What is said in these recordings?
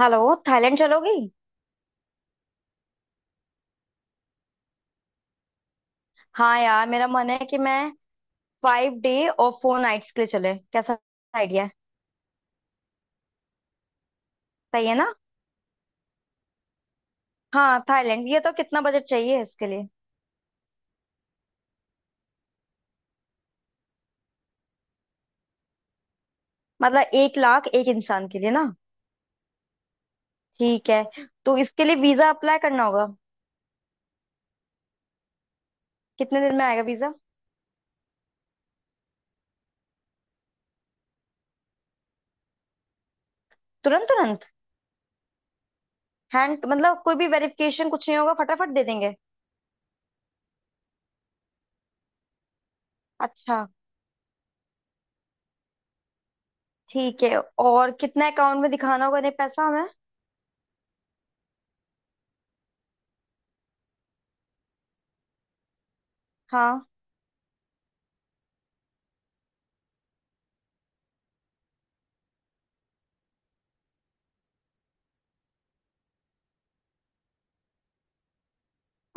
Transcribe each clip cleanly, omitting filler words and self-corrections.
Hello. Thailand चलोगी। हाँ यार, मेरा मन है कि मैं 5 डे और 4 नाइट्स के लिए चले, कैसा आइडिया है। सही है ना। हाँ थाईलैंड, ये तो कितना बजट चाहिए इसके लिए। मतलब 1 लाख एक इंसान के लिए ना। ठीक है। तो इसके लिए वीजा अप्लाई करना होगा। कितने दिन में आएगा वीजा। तुरंत तुरंत। हैंड मतलब कोई भी वेरिफिकेशन कुछ नहीं होगा, फटाफट दे देंगे। अच्छा। ठीक है, और कितना अकाउंट में दिखाना होगा, नहीं पैसा हमें। हाँ।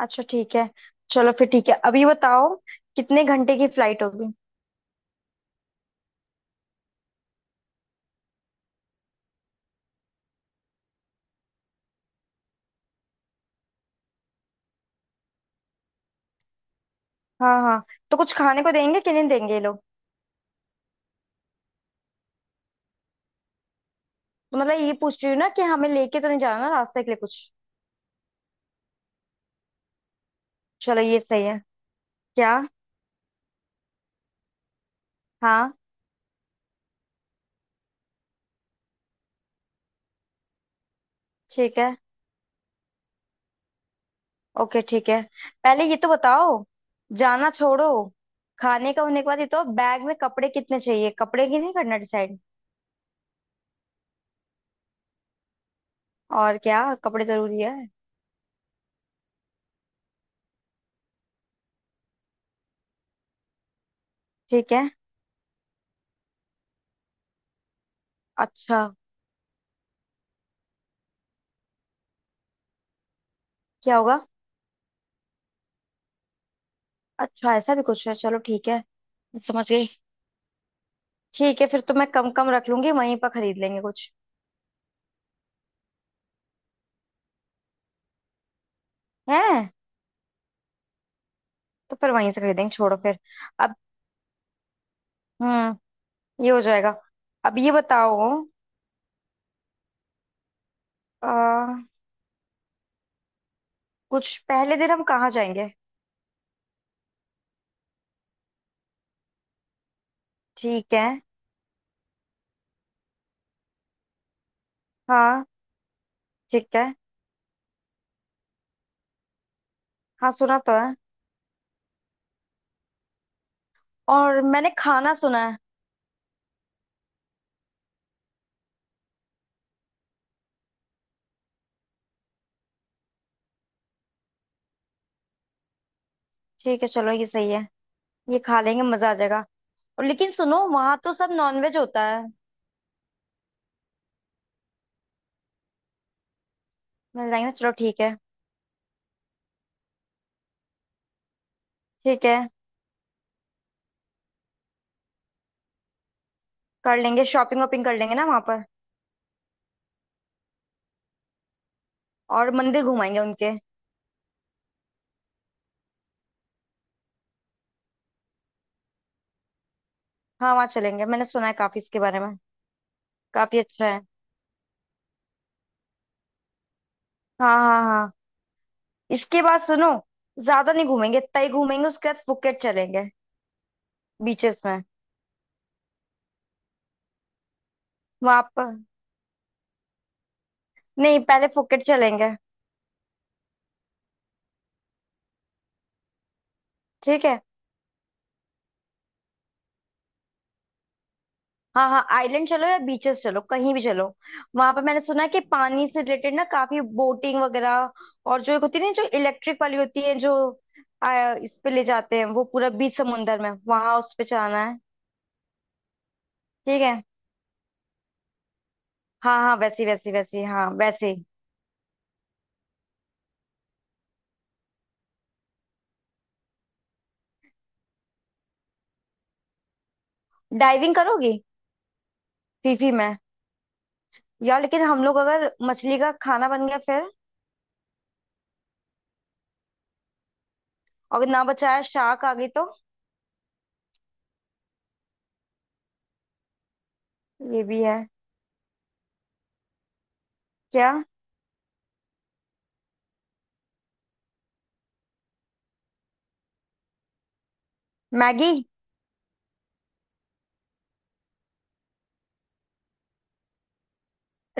अच्छा ठीक है। चलो फिर ठीक है, अभी बताओ कितने घंटे की फ्लाइट होगी। हाँ हाँ। तो कुछ खाने को देंगे कि नहीं देंगे ये लोग। तो मतलब ये पूछ रही हूँ ना कि हमें लेके तो नहीं जाना ना रास्ते के लिए कुछ। चलो ये सही है। क्या। हाँ। ठीक है, ओके ठीक है। पहले ये तो बताओ। जाना छोड़ो। खाने का होने के बाद ये तो बैग में कपड़े कितने चाहिए, कपड़े की नहीं करना डिसाइड। और क्या कपड़े जरूरी है। ठीक है। अच्छा। क्या होगा। अच्छा ऐसा भी कुछ है, चलो ठीक है। समझ गई। ठीक है फिर तो मैं कम कम रख लूंगी, वहीं पर खरीद लेंगे कुछ। है। तो फिर वहीं से खरीदेंगे, छोड़ो फिर। अब। हम्म। ये हो जाएगा। अब ये बताओ। आ, कुछ पहले दिन हम कहाँ जाएंगे। ठीक है। हाँ। ठीक है। हाँ सुना तो है। और मैंने खाना सुना है। ठीक है चलो ये सही है। ये खा लेंगे, मजा आ जाएगा। और लेकिन सुनो, वहां तो सब नॉनवेज होता है। मिल जाएंगे ना, चलो ठीक है। ठीक है। कर लेंगे, शॉपिंग वॉपिंग कर लेंगे ना वहां पर। और मंदिर घुमाएंगे उनके। हाँ वहाँ चलेंगे, मैंने सुना है काफी इसके बारे में। काफी अच्छा है। हाँ हाँ हाँ। इसके बाद सुनो, ज्यादा नहीं घूमेंगे, तय घूमेंगे उसके बाद फुकेट चलेंगे। बीचेस में। वहां पर। नहीं पहले फुकेट चलेंगे। ठीक है। हाँ हाँ आइलैंड चलो या बीचेस चलो कहीं भी चलो। वहां पर मैंने सुना है कि पानी से रिलेटेड ना काफी बोटिंग वगैरह। और जो एक होती है ना, जो इलेक्ट्रिक वाली होती है जो इस पे ले जाते हैं, वो पूरा बीच समुंदर में वहां उस पे चलाना है। ठीक है। हाँ हाँ वैसी वैसी वैसी हाँ वैसे। डाइविंग करोगी। फीफी में। यार लेकिन हम लोग अगर मछली का खाना बन गया फिर। और अगर ना बचाया शार्क आ गई तो। ये भी है। क्या। मैगी।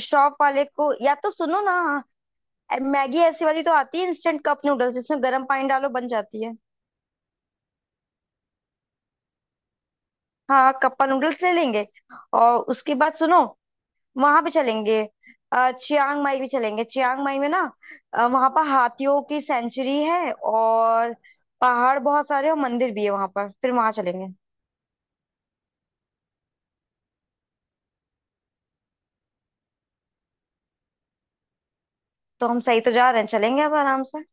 शॉप वाले को या तो सुनो ना। मैगी ऐसी वाली तो आती है, इंस्टेंट कप नूडल्स जिसमें गर्म पानी डालो बन जाती है। हाँ कप्पा नूडल्स ले लेंगे। और उसके बाद सुनो, वहां पे चलेंगे। चियांग माई भी चलेंगे, चियांग माई में ना वहां पर हाथियों की सेंचुरी है, और पहाड़ बहुत सारे और मंदिर भी है वहां पर, फिर वहां चलेंगे। तो हम सही तो जा रहे हैं, चलेंगे अब आराम से।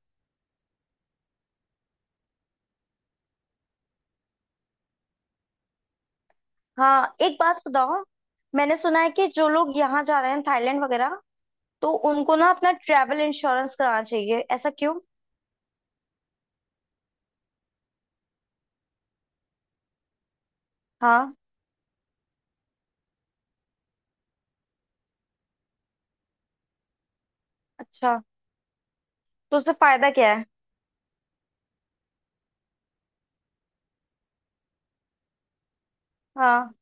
हाँ एक बात बताओ। मैंने सुना है कि जो लोग यहाँ जा रहे हैं थाईलैंड वगैरह, तो उनको ना अपना ट्रैवल इंश्योरेंस कराना चाहिए, ऐसा क्यों। हाँ। अच्छा। तो उससे फायदा क्या है। हाँ।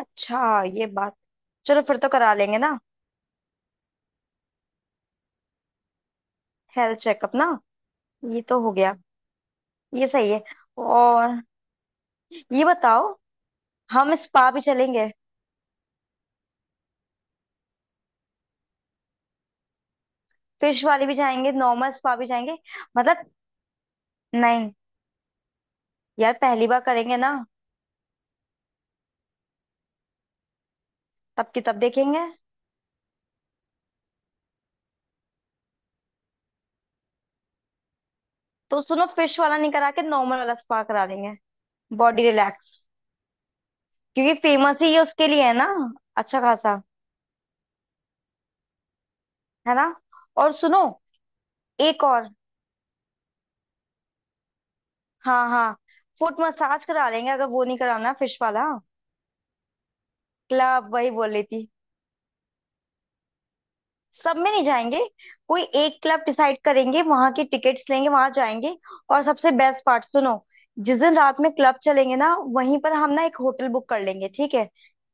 अच्छा ये बात। चलो फिर तो करा लेंगे ना। हेल्थ चेकअप ना। ये तो हो गया। ये सही है। और ये बताओ, हम स्पा भी चलेंगे। फिश वाली भी जाएंगे नॉर्मल स्पा भी जाएंगे। मतलब। नहीं। यार पहली बार करेंगे ना। तब की तब देखेंगे। तो सुनो फिश वाला नहीं करा के नॉर्मल वाला स्पा करा लेंगे, बॉडी रिलैक्स। क्योंकि फेमस ही ये उसके लिए है ना, अच्छा खासा। है ना। और सुनो, एक और। हाँ हाँ। फुट मसाज करा लेंगे, अगर वो नहीं कराना फिश वाला। क्लब, वही बोल रही थी। सब में नहीं जाएंगे, कोई एक क्लब डिसाइड करेंगे, वहां की टिकट्स लेंगे वहां जाएंगे। और सबसे बेस्ट पार्ट सुनो, जिस दिन रात में क्लब चलेंगे ना वहीं पर हम ना एक होटल बुक कर लेंगे, ठीक है।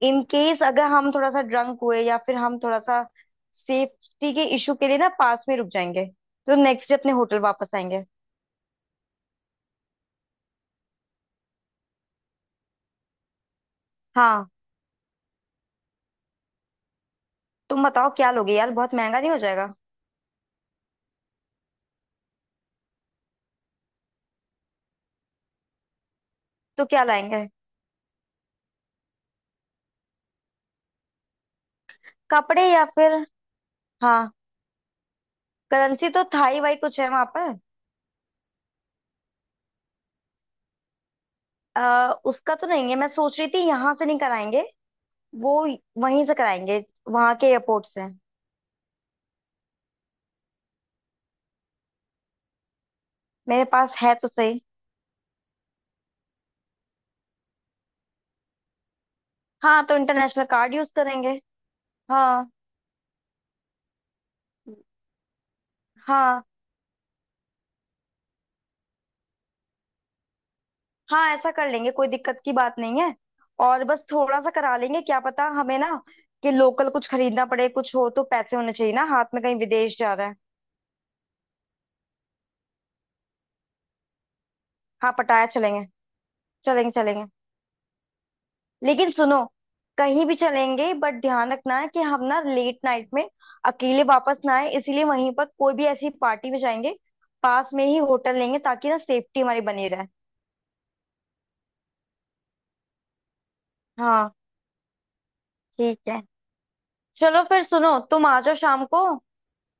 इन केस अगर हम थोड़ा सा ड्रंक हुए या फिर हम थोड़ा सा, सेफ्टी के इशू के लिए ना पास में रुक जाएंगे। तो नेक्स्ट डे अपने होटल वापस आएंगे। हाँ। तुम बताओ क्या लोगे यार, बहुत महंगा नहीं हो जाएगा। तो क्या लाएंगे। कपड़े या फिर। हाँ। करेंसी तो थाई वाई कुछ है वहां पर। उसका तो नहीं है, मैं सोच रही थी यहाँ से नहीं कराएंगे। वो वहीं से कराएंगे, वहां के एयरपोर्ट से। मेरे पास है तो सही। हाँ तो इंटरनेशनल कार्ड यूज करेंगे। हाँ। हाँ हाँ ऐसा कर लेंगे, कोई दिक्कत की बात नहीं है। और बस थोड़ा सा करा लेंगे, क्या पता हमें ना कि लोकल कुछ खरीदना पड़े कुछ हो, तो पैसे होने चाहिए ना हाथ में, कहीं विदेश जा रहे हैं। हाँ पटाया चलेंगे, चलेंगे चलेंगे। लेकिन सुनो, कहीं भी चलेंगे बट ध्यान रखना है कि हम ना लेट नाइट में अकेले वापस ना आए, इसीलिए वहीं पर कोई भी ऐसी पार्टी में जाएंगे, पास में ही होटल लेंगे ताकि ना सेफ्टी हमारी बनी रहे। हाँ। ठीक है। चलो फिर सुनो, तुम आ जाओ शाम को,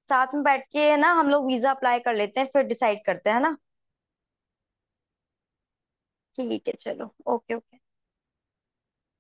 साथ में बैठ के ना हम लोग वीजा अप्लाई कर लेते हैं फिर डिसाइड करते हैं, है ना। ठीक है चलो, ओके ओके।